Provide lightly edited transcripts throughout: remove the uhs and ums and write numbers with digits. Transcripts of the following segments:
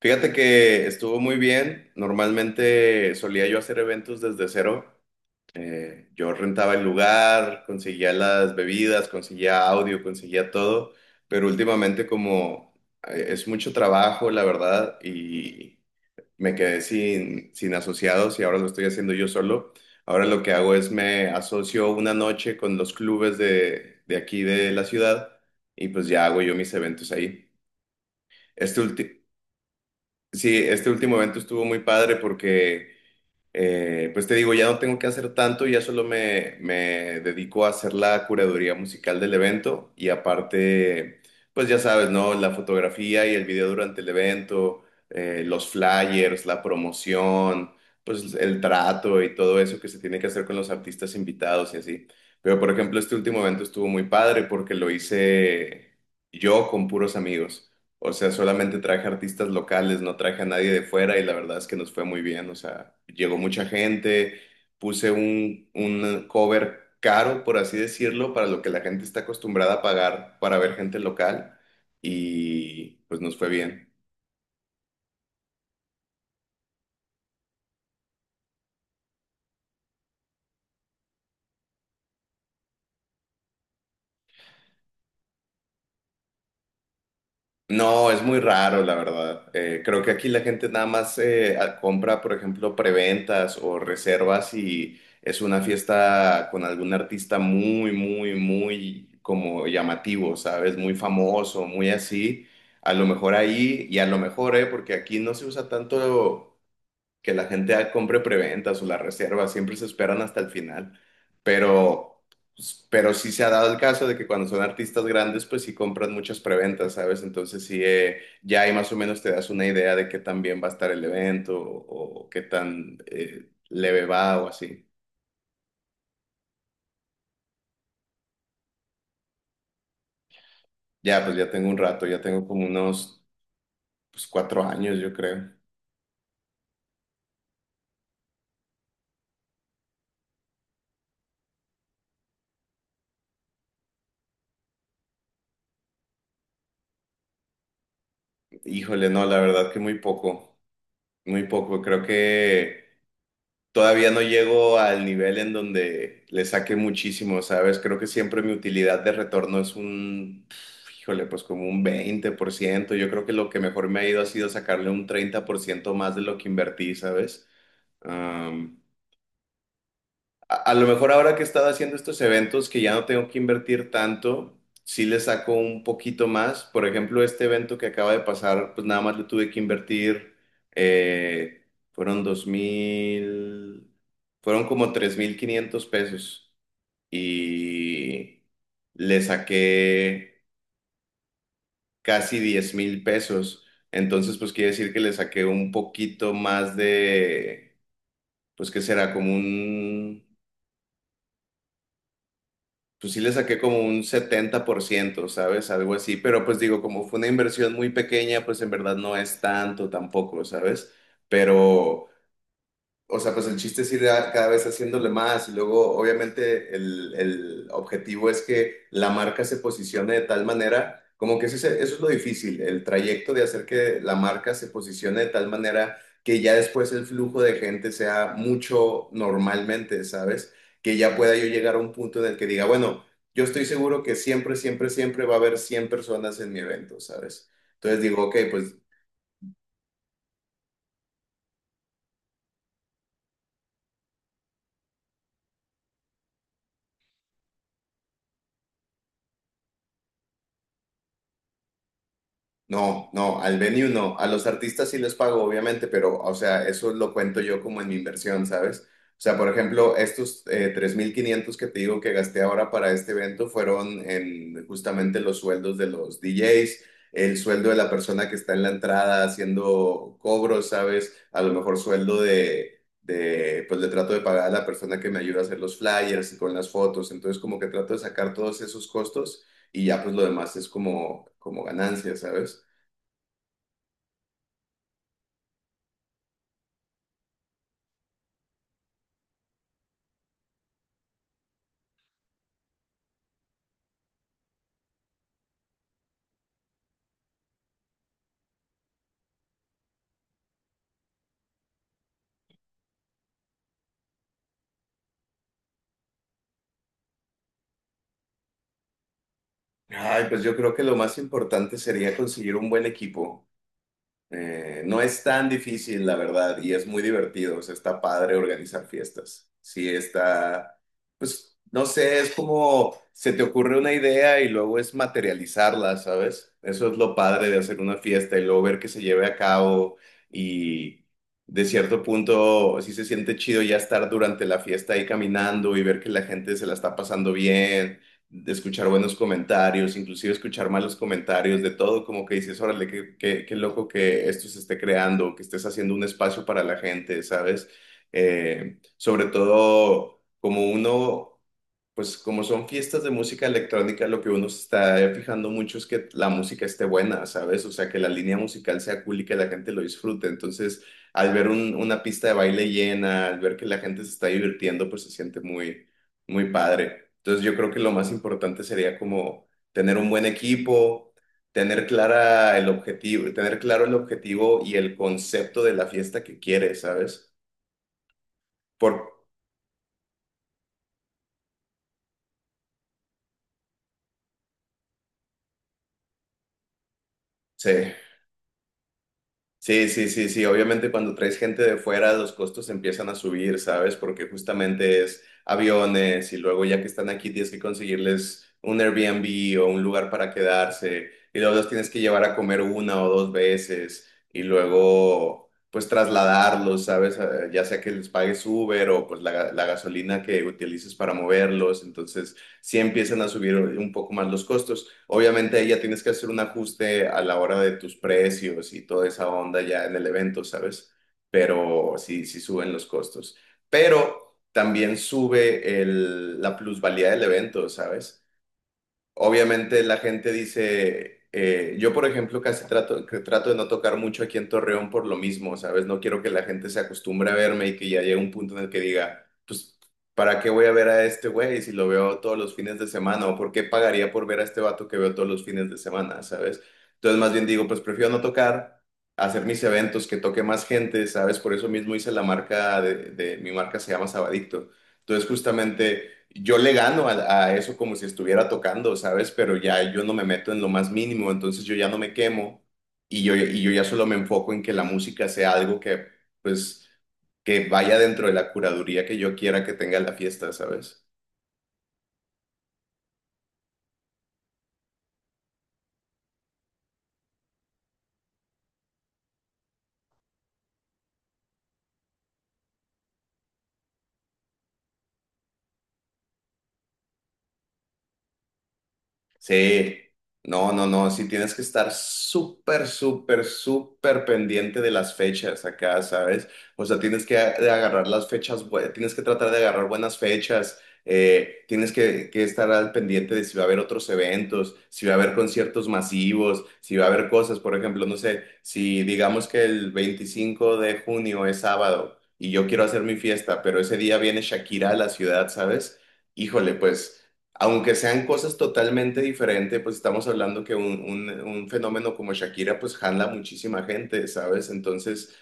Fíjate que estuvo muy bien. Normalmente solía yo hacer eventos desde cero. Yo rentaba el lugar, conseguía las bebidas, conseguía audio, conseguía todo. Pero últimamente como es mucho trabajo, la verdad, y me quedé sin asociados y ahora lo estoy haciendo yo solo. Ahora lo que hago es me asocio una noche con los clubes de aquí de la ciudad y pues ya hago yo mis eventos ahí. Este último... Sí, este último evento estuvo muy padre porque, pues te digo, ya no tengo que hacer tanto, ya solo me dedico a hacer la curaduría musical del evento y aparte, pues ya sabes, ¿no? La fotografía y el video durante el evento, los flyers, la promoción, pues el trato y todo eso que se tiene que hacer con los artistas invitados y así. Pero, por ejemplo, este último evento estuvo muy padre porque lo hice yo con puros amigos. O sea, solamente traje artistas locales, no traje a nadie de fuera y la verdad es que nos fue muy bien. O sea, llegó mucha gente, puse un cover caro, por así decirlo, para lo que la gente está acostumbrada a pagar para ver gente local y pues nos fue bien. No, es muy raro, la verdad. Creo que aquí la gente nada más compra, por ejemplo, preventas o reservas y es una fiesta con algún artista muy, muy, muy como llamativo, ¿sabes? Muy famoso, muy así. A lo mejor ahí y a lo mejor, ¿eh? Porque aquí no se usa tanto que la gente compre preventas o la reserva, siempre se esperan hasta el final, pero, pues, pero sí se ha dado el caso de que cuando son artistas grandes, pues sí compran muchas preventas, ¿sabes? Entonces sí, ya ahí más o menos te das una idea de qué tan bien va a estar el evento o qué tan leve va o así. Ya, pues ya tengo un rato, ya tengo como unos pues, 4 años, yo creo. Híjole, no, la verdad que muy poco, muy poco. Creo que... Todavía no llego al nivel en donde le saque muchísimo, ¿sabes? Creo que siempre mi utilidad de retorno es un, pf, híjole, pues como un 20%. Yo creo que lo que mejor me ha ido ha sido sacarle un 30% más de lo que invertí, ¿sabes? A lo mejor ahora que he estado haciendo estos eventos que ya no tengo que invertir tanto, sí le saco un poquito más. Por ejemplo, este evento que acaba de pasar, pues nada más le tuve que invertir, eh, fueron dos mil, fueron como 3,500 pesos y le saqué casi 10,000 pesos. Entonces, pues quiere decir que le saqué un poquito más de, pues qué será, como un pues sí le saqué como un 70%. ¿Sabes? Algo así, pero pues digo, como fue una inversión muy pequeña, pues en verdad no es tanto tampoco, ¿sabes? Pero o sea, pues el chiste es cada vez haciéndole más y luego obviamente el objetivo es que la marca se posicione de tal manera, como que eso es lo difícil, el trayecto de hacer que la marca se posicione de tal manera que ya después el flujo de gente sea mucho normalmente, ¿sabes? Que ya pueda yo llegar a un punto en el que diga, bueno, yo estoy seguro que siempre, siempre, siempre va a haber 100 personas en mi evento, ¿sabes? Entonces digo, ok, pues no, no, al venue no. A los artistas sí les pago, obviamente, pero, o sea, eso lo cuento yo como en mi inversión, ¿sabes? O sea, por ejemplo, estos 3,500 que te digo que gasté ahora para este evento fueron en justamente los sueldos de los DJs, el sueldo de la persona que está en la entrada haciendo cobros, ¿sabes? A lo mejor sueldo pues le trato de pagar a la persona que me ayuda a hacer los flyers y con las fotos. Entonces, como que trato de sacar todos esos costos y ya pues lo demás es como, como ganancia, ¿sabes? Ay, pues yo creo que lo más importante sería conseguir un buen equipo. No es tan difícil, la verdad, y es muy divertido. O sea, está padre organizar fiestas. Sí, está, pues, no sé, es como se te ocurre una idea y luego es materializarla, ¿sabes? Eso es lo padre de hacer una fiesta y luego ver que se lleve a cabo y de cierto punto sí se siente chido ya estar durante la fiesta ahí caminando y ver que la gente se la está pasando bien de escuchar buenos comentarios, inclusive escuchar malos comentarios, de todo, como que dices, órale, qué loco que esto se esté creando, que estés haciendo un espacio para la gente, ¿sabes? Sobre todo, como uno, pues como son fiestas de música electrónica, lo que uno se está fijando mucho es que la música esté buena, ¿sabes? O sea, que la línea musical sea cool y que la gente lo disfrute. Entonces, al ver una pista de baile llena, al ver que la gente se está divirtiendo, pues se siente muy muy padre. Entonces yo creo que lo más importante sería como tener un buen equipo, tener clara el objetivo, tener claro el objetivo y el concepto de la fiesta que quieres, ¿sabes? Por, sí. Sí, sí, sí, sí. Obviamente cuando traes gente de fuera, los costos empiezan a subir, ¿sabes? Porque justamente es aviones y luego ya que están aquí tienes que conseguirles un Airbnb o un lugar para quedarse y luego los tienes que llevar a comer una o dos veces y luego pues trasladarlos, ¿sabes? Ya sea que les pagues Uber o pues la gasolina que utilices para moverlos. Entonces sí empiezan a subir un poco más los costos. Obviamente ahí ya tienes que hacer un ajuste a la hora de tus precios y toda esa onda ya en el evento, ¿sabes? Pero sí, sí suben los costos. Pero también sube la plusvalía del evento, ¿sabes? Obviamente la gente dice, yo por ejemplo que trato de no tocar mucho aquí en Torreón por lo mismo, ¿sabes? No quiero que la gente se acostumbre a verme y que ya llegue un punto en el que diga, pues, ¿para qué voy a ver a este güey si lo veo todos los fines de semana? ¿O por qué pagaría por ver a este vato que veo todos los fines de semana, ¿sabes? Entonces más bien digo, pues prefiero no tocar, hacer mis eventos, que toque más gente, ¿sabes? Por eso mismo hice la marca de mi marca se llama Sabadicto entonces, justamente yo le gano a eso como si estuviera tocando, ¿sabes? Pero ya yo no me meto en lo más mínimo, entonces yo ya no me quemo y yo ya solo me enfoco en que la música sea algo que, pues, que vaya dentro de la curaduría que yo quiera que tenga la fiesta, ¿sabes? Sí, no, no, no, sí tienes que estar súper, súper, súper pendiente de las fechas acá, ¿sabes? O sea, tienes que a- de agarrar las fechas, tienes que tratar de agarrar buenas fechas, tienes que estar al pendiente de si va a haber otros eventos, si va a haber conciertos masivos, si va a haber cosas, por ejemplo, no sé, si digamos que el 25 de junio es sábado y yo quiero hacer mi fiesta, pero ese día viene Shakira a la ciudad, ¿sabes? Híjole, pues... Aunque sean cosas totalmente diferentes, pues estamos hablando que un fenómeno como Shakira pues jala muchísima gente, ¿sabes? Entonces,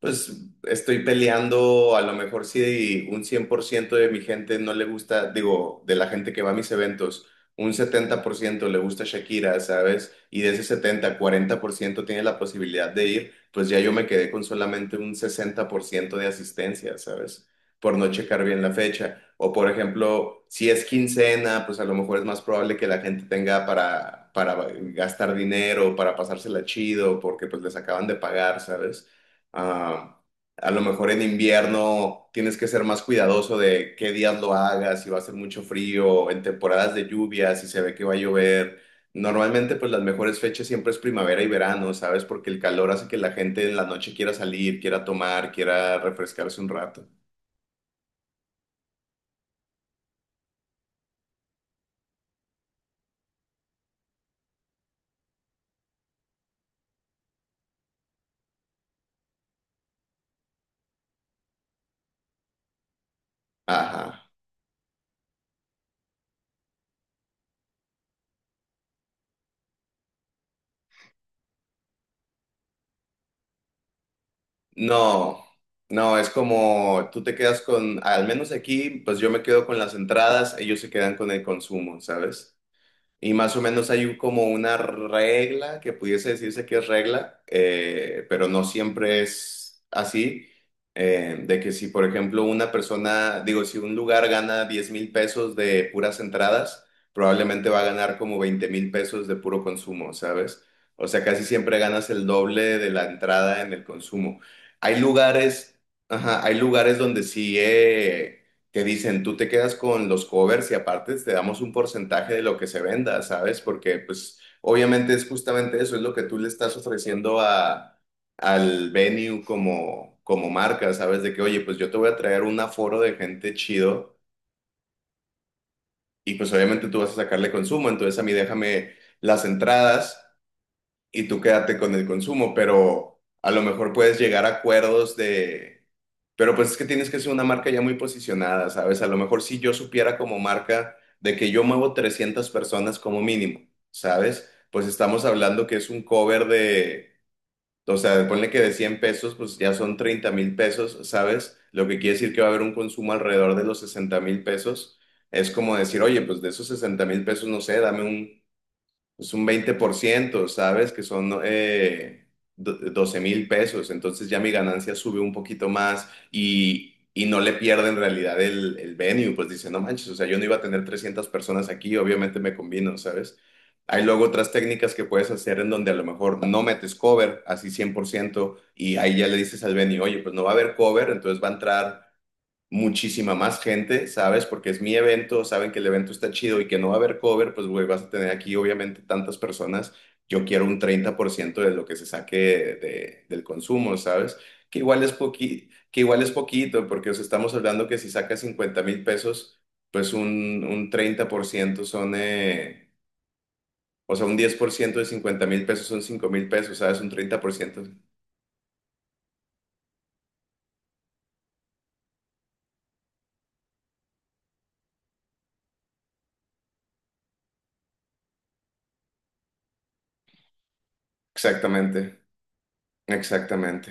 pues estoy peleando, a lo mejor si un 100% de mi gente no le gusta, digo, de la gente que va a mis eventos, un 70% le gusta Shakira, ¿sabes? Y de ese setenta 40% tiene la posibilidad de ir, pues ya yo me quedé con solamente un 60% de asistencia, ¿sabes? Por no checar bien la fecha. O por ejemplo, si es quincena, pues a lo mejor es más probable que la gente tenga para gastar dinero, para pasársela chido, porque pues les acaban de pagar, ¿sabes? Ah, a lo mejor en invierno tienes que ser más cuidadoso de qué días lo hagas, si va a hacer mucho frío, en temporadas de lluvia, si se ve que va a llover. Normalmente, pues las mejores fechas siempre es primavera y verano, ¿sabes? Porque el calor hace que la gente en la noche quiera salir, quiera tomar, quiera refrescarse un rato. Ajá. No, no, es como tú te quedas con, al menos aquí, pues yo me quedo con las entradas, ellos se quedan con el consumo, ¿sabes? Y más o menos hay como una regla que pudiese decirse que es regla, pero no siempre es así, de que si, por ejemplo, una persona, digo, si un lugar gana 10,000 pesos de puras entradas, probablemente va a ganar como 20,000 pesos de puro consumo, ¿sabes? O sea, casi siempre ganas el doble de la entrada en el consumo. Hay lugares, ajá, hay lugares donde sí, que dicen, tú te quedas con los covers y aparte te damos un porcentaje de lo que se venda, ¿sabes? Porque pues obviamente es justamente eso, es lo que tú le estás ofreciendo a, al venue como, como marca, ¿sabes? De que, oye, pues yo te voy a traer un aforo de gente chido y pues obviamente tú vas a sacarle consumo, entonces a mí déjame las entradas y tú quédate con el consumo, pero a lo mejor puedes llegar a acuerdos de, pero pues es que tienes que ser una marca ya muy posicionada, ¿sabes? A lo mejor si yo supiera como marca de que yo muevo 300 personas como mínimo, ¿sabes? Pues estamos hablando que es un cover de, o sea, ponle que de 100 pesos, pues ya son 30,000 pesos, ¿sabes? Lo que quiere decir que va a haber un consumo alrededor de los 60,000 pesos. Es como decir, oye, pues de esos 60,000 pesos, no sé, dame un es un 20%. ¿Sabes? Que son 12 mil pesos. Entonces ya mi ganancia sube un poquito más y no le pierdo en realidad el venue. Pues dice, no manches, o sea, yo no iba a tener 300 personas aquí, obviamente me combino, ¿sabes? Hay luego otras técnicas que puedes hacer en donde a lo mejor no metes cover, así 100% y ahí ya le dices al venue, oye, pues no va a haber cover, entonces va a entrar muchísima más gente, ¿sabes? Porque es mi evento, saben que el evento está chido y que no va a haber cover, pues, güey, vas a tener aquí obviamente tantas personas. Yo quiero un 30% de lo que se saque del consumo, ¿sabes? Que igual es poquito, porque os estamos hablando que si sacas 50,000 pesos, pues un 30% son, o sea, un 10% de 50,000 pesos son 5,000 pesos, ¿sabes? Un treinta por ciento. Exactamente, exactamente.